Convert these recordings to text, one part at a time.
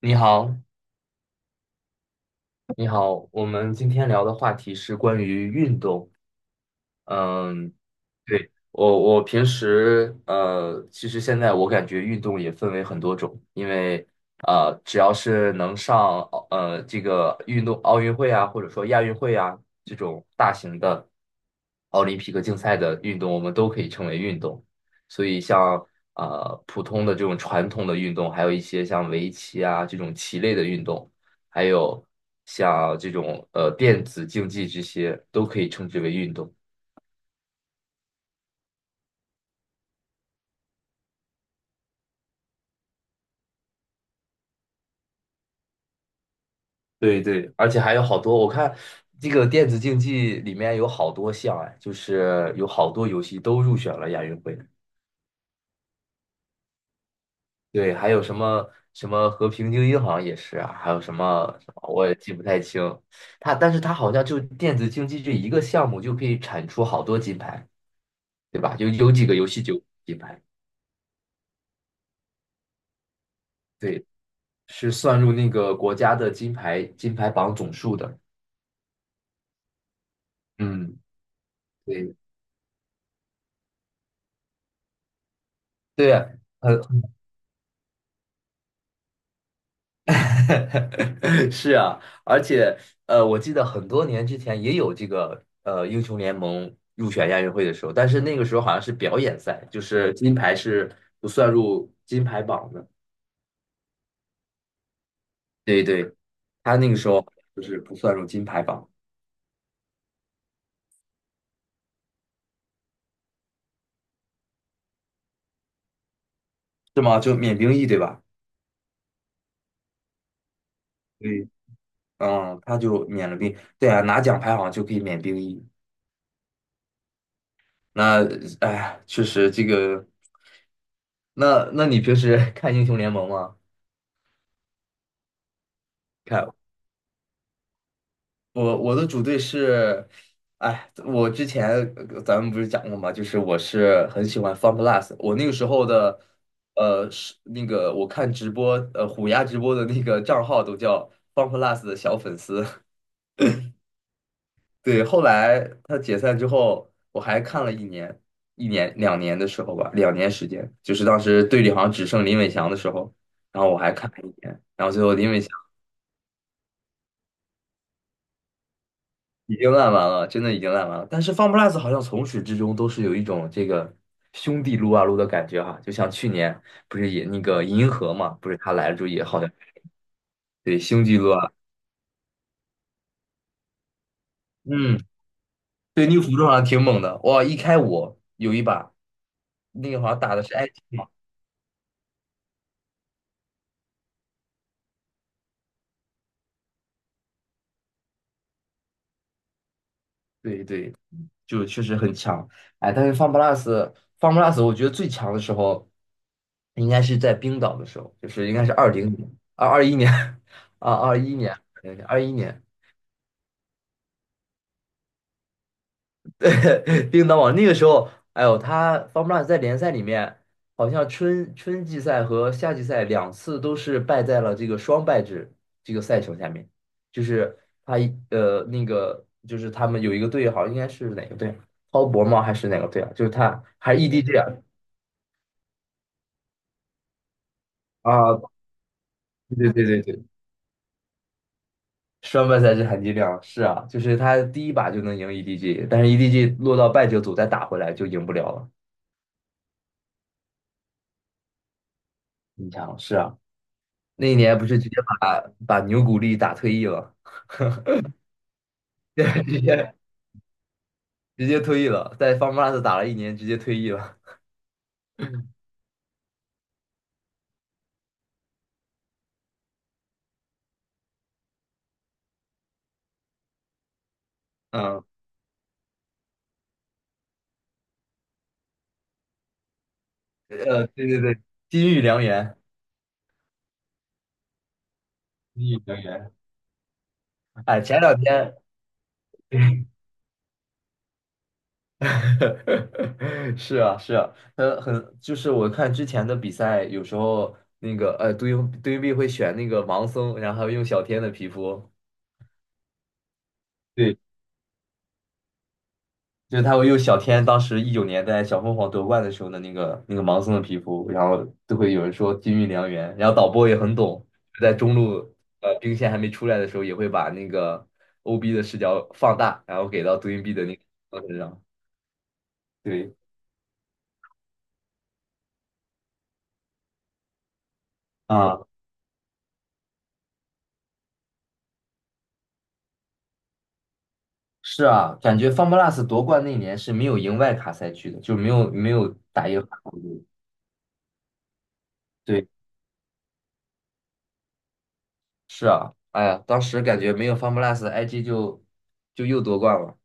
你好，你好，我们今天聊的话题是关于运动。嗯，对，我平时其实现在我感觉运动也分为很多种，因为只要是能上这个运动奥运会啊，或者说亚运会啊，这种大型的奥林匹克竞赛的运动，我们都可以称为运动。所以像普通的这种传统的运动，还有一些像围棋啊这种棋类的运动，还有像这种电子竞技这些，都可以称之为运动。对对，而且还有好多，我看这个电子竞技里面有好多项哎，就是有好多游戏都入选了亚运会。对，还有什么什么和平精英好像也是啊，还有什么什么我也记不太清。但是它好像就电子竞技这一个项目就可以产出好多金牌，对吧？有几个游戏就有金牌，对，是算入那个国家的金牌榜总数的。嗯，对对啊，很 是啊，而且我记得很多年之前也有这个英雄联盟入选亚运会的时候，但是那个时候好像是表演赛，就是金牌是不算入金牌榜的。对对，他那个时候就是不算入金牌榜。是吗？就免兵役对吧？对，嗯，他就免了兵。对啊，拿奖牌好像就可以免兵役。那哎，确实这个，那你平时 看英雄联盟吗？看。我的主队是，哎，我之前咱们不是讲过吗？就是我是很喜欢 FunPlus，我那个时候的，是那个我看直播，虎牙直播的那个账号都叫 FunPlus 的小粉丝。对，后来他解散之后，我还看了一年，一年两年的时候吧，两年时间，就是当时队里好像只剩林伟翔的时候，然后我还看了一年，然后最后林伟翔。已经烂完了，真的已经烂完了。但是 FunPlus 好像从始至终都是有一种这个兄弟撸啊撸的感觉哈、就像去年不是也那个银河嘛，不是他来了之后也好像对兄弟撸啊，嗯，对那个辅助好像挺猛的，哇，一开五有一把，那个好像打的是 IT 嘛，对对，就确实很强。哎，但是 FunPlus 我觉得最强的时候应该是在冰岛的时候，就是应该是20年、二一年 啊，21年，21年。叮当网那个时候，哎呦，他 Forlu 在联赛里面，好像春季赛和夏季赛两次都是败在了这个双败制这个赛程下面，就是他一那个就是他们有一个队，好像应该是哪个队啊，滔搏吗？还是哪个队啊？就是他还是 EDG 啊？啊，对对对对对，双败赛制含金量是啊，就是他第一把就能赢 EDG，但是 EDG 落到败者组再打回来就赢不了了。你想是啊，那一年不是直接把牛古力打退役了，对，直接退役了，在 FunPlus 打了一年，直接退役了。嗯，对对对，金玉良缘，金玉良缘。哎，前两天。是啊，是啊，就是我看之前的比赛，有时候那个杜英碧会选那个盲僧，然后用小天的皮肤。对。就是他会用小天当时19年在小凤凰夺冠的时候的那个盲僧的皮肤，然后都会有人说金玉良缘，然后导播也很懂，在中路兵线还没出来的时候，也会把那个 OB 的视角放大，然后给到 DoinB 的那个身上。对啊，是啊，感觉 FunPlus 夺冠那年是没有赢外卡赛区的，就没有打赢韩国队。对，是啊，哎呀，当时感觉没有 FunPlus，IG 就又夺冠了。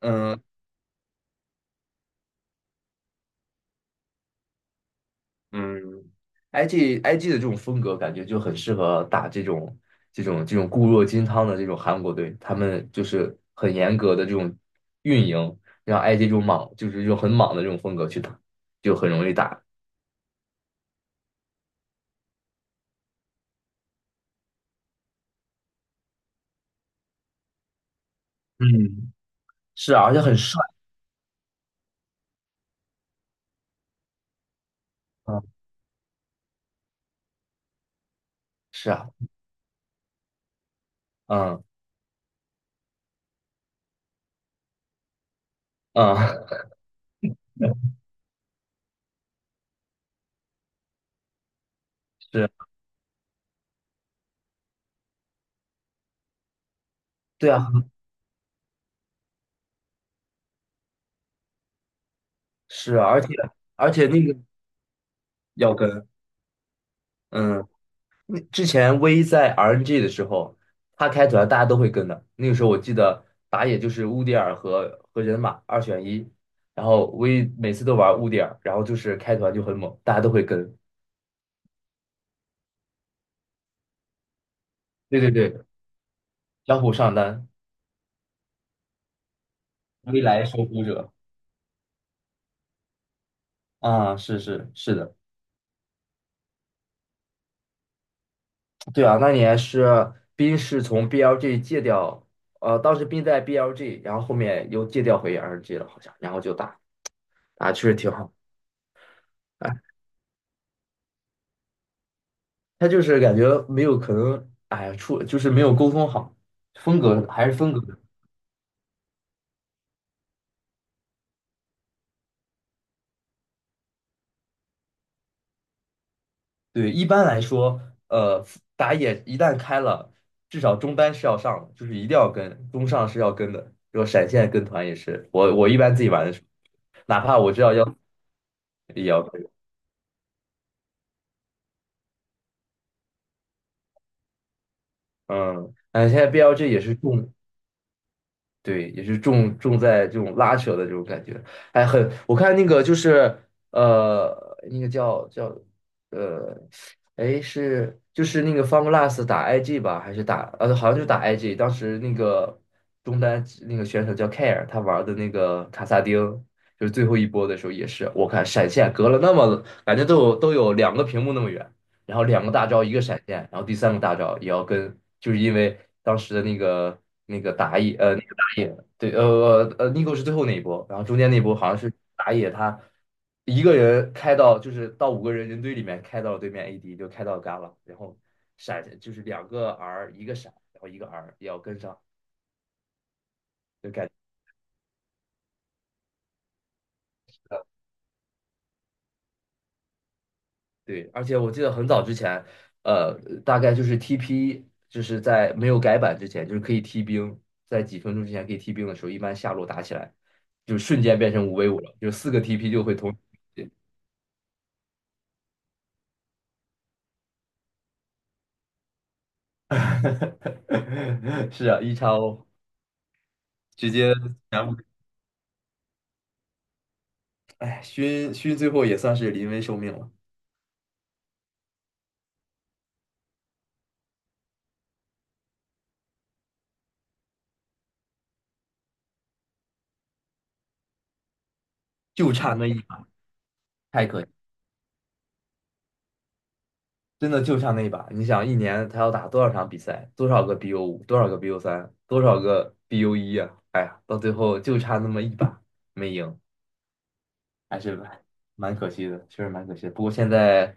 嗯，嗯，IG 的这种风格感觉就很适合打这种固若金汤的这种韩国队，他们就是很严格的这种运营，让 IG 这种莽就是这种很莽的这种风格去打，就很容易打。嗯，是啊，而且很帅。啊，是啊，嗯嗯，是啊，对啊，是啊而且那个要跟。嗯。那之前 V 在 RNG 的时候，他开团大家都会跟的。那个时候我记得打野就是乌迪尔和人马二选一，然后 V 每次都玩乌迪尔，然后就是开团就很猛，大家都会跟。对对对，小虎上单，V 来守护者啊，是是是的，对啊，那年是冰是从 BLG 戒掉，当时冰在 BLG，然后后面又戒掉回 RNG 了，好像，然后就打确实挺好。他就是感觉没有可能，哎呀，就是没有沟通好，风格还是风格。对，一般来说，呃，打野一旦开了，至少中单是要上的，就是一定要跟，中上是要跟的，然后闪现跟团也是。我一般自己玩的时候，哪怕我知道要也要跟。嗯，哎，现在 BLG 也是对，也是重在这种拉扯的这种感觉，哎，我看那个就是呃，那个叫呃，哎就是那个 FunGlass 打 IG 吧，还是打好像就打 IG，当时那个中单那个选手叫 Care，他玩的那个卡萨丁，就是最后一波的时候也是，我看闪现隔了那么感觉都有两个屏幕那么远。然后两个大招一个闪现，然后第三个大招也要跟，就是因为当时的那个打野对，Nico 是最后那一波，然后中间那一波好像是打野他一个人开到就是到五个人人堆里面开到了对面 AD，就开到 Gala，然后闪就是两个 R 一个闪，然后一个 R 也要跟上，就感对，而且我记得很早之前，呃，大概就是 TP 就是在没有改版之前，就是可以踢兵，在几分钟之前可以踢兵的时候，一般下路打起来就瞬间变成五 v 五了，就四个 TP 就会同。是啊，一超直接全部，哎，勋勋最后也算是临危受命了，就差那一把太可惜，真的就差那一把。你想，一年他要打多少场比赛，多少个 BO5，多少个 BO3，多少个 BO1啊？哎呀，到最后就差那么一把没赢 还是蛮可惜的，确实蛮可惜的。不过现在，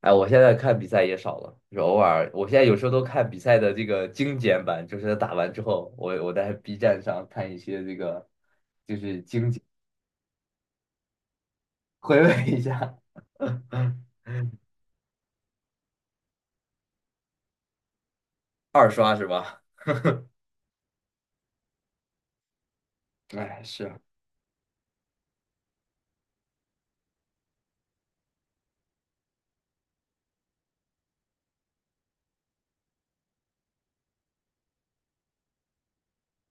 哎，我现在看比赛也少了，就是偶尔，我现在有时候都看比赛的这个精简版，就是打完之后，我在 B 站上看一些这个就是精简。回味一下。二刷是吧？哎，是，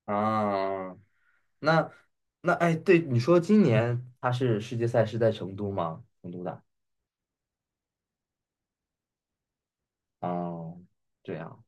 啊，那那哎，对，你说今年它是世界赛是在成都吗？成都的，哦，这样。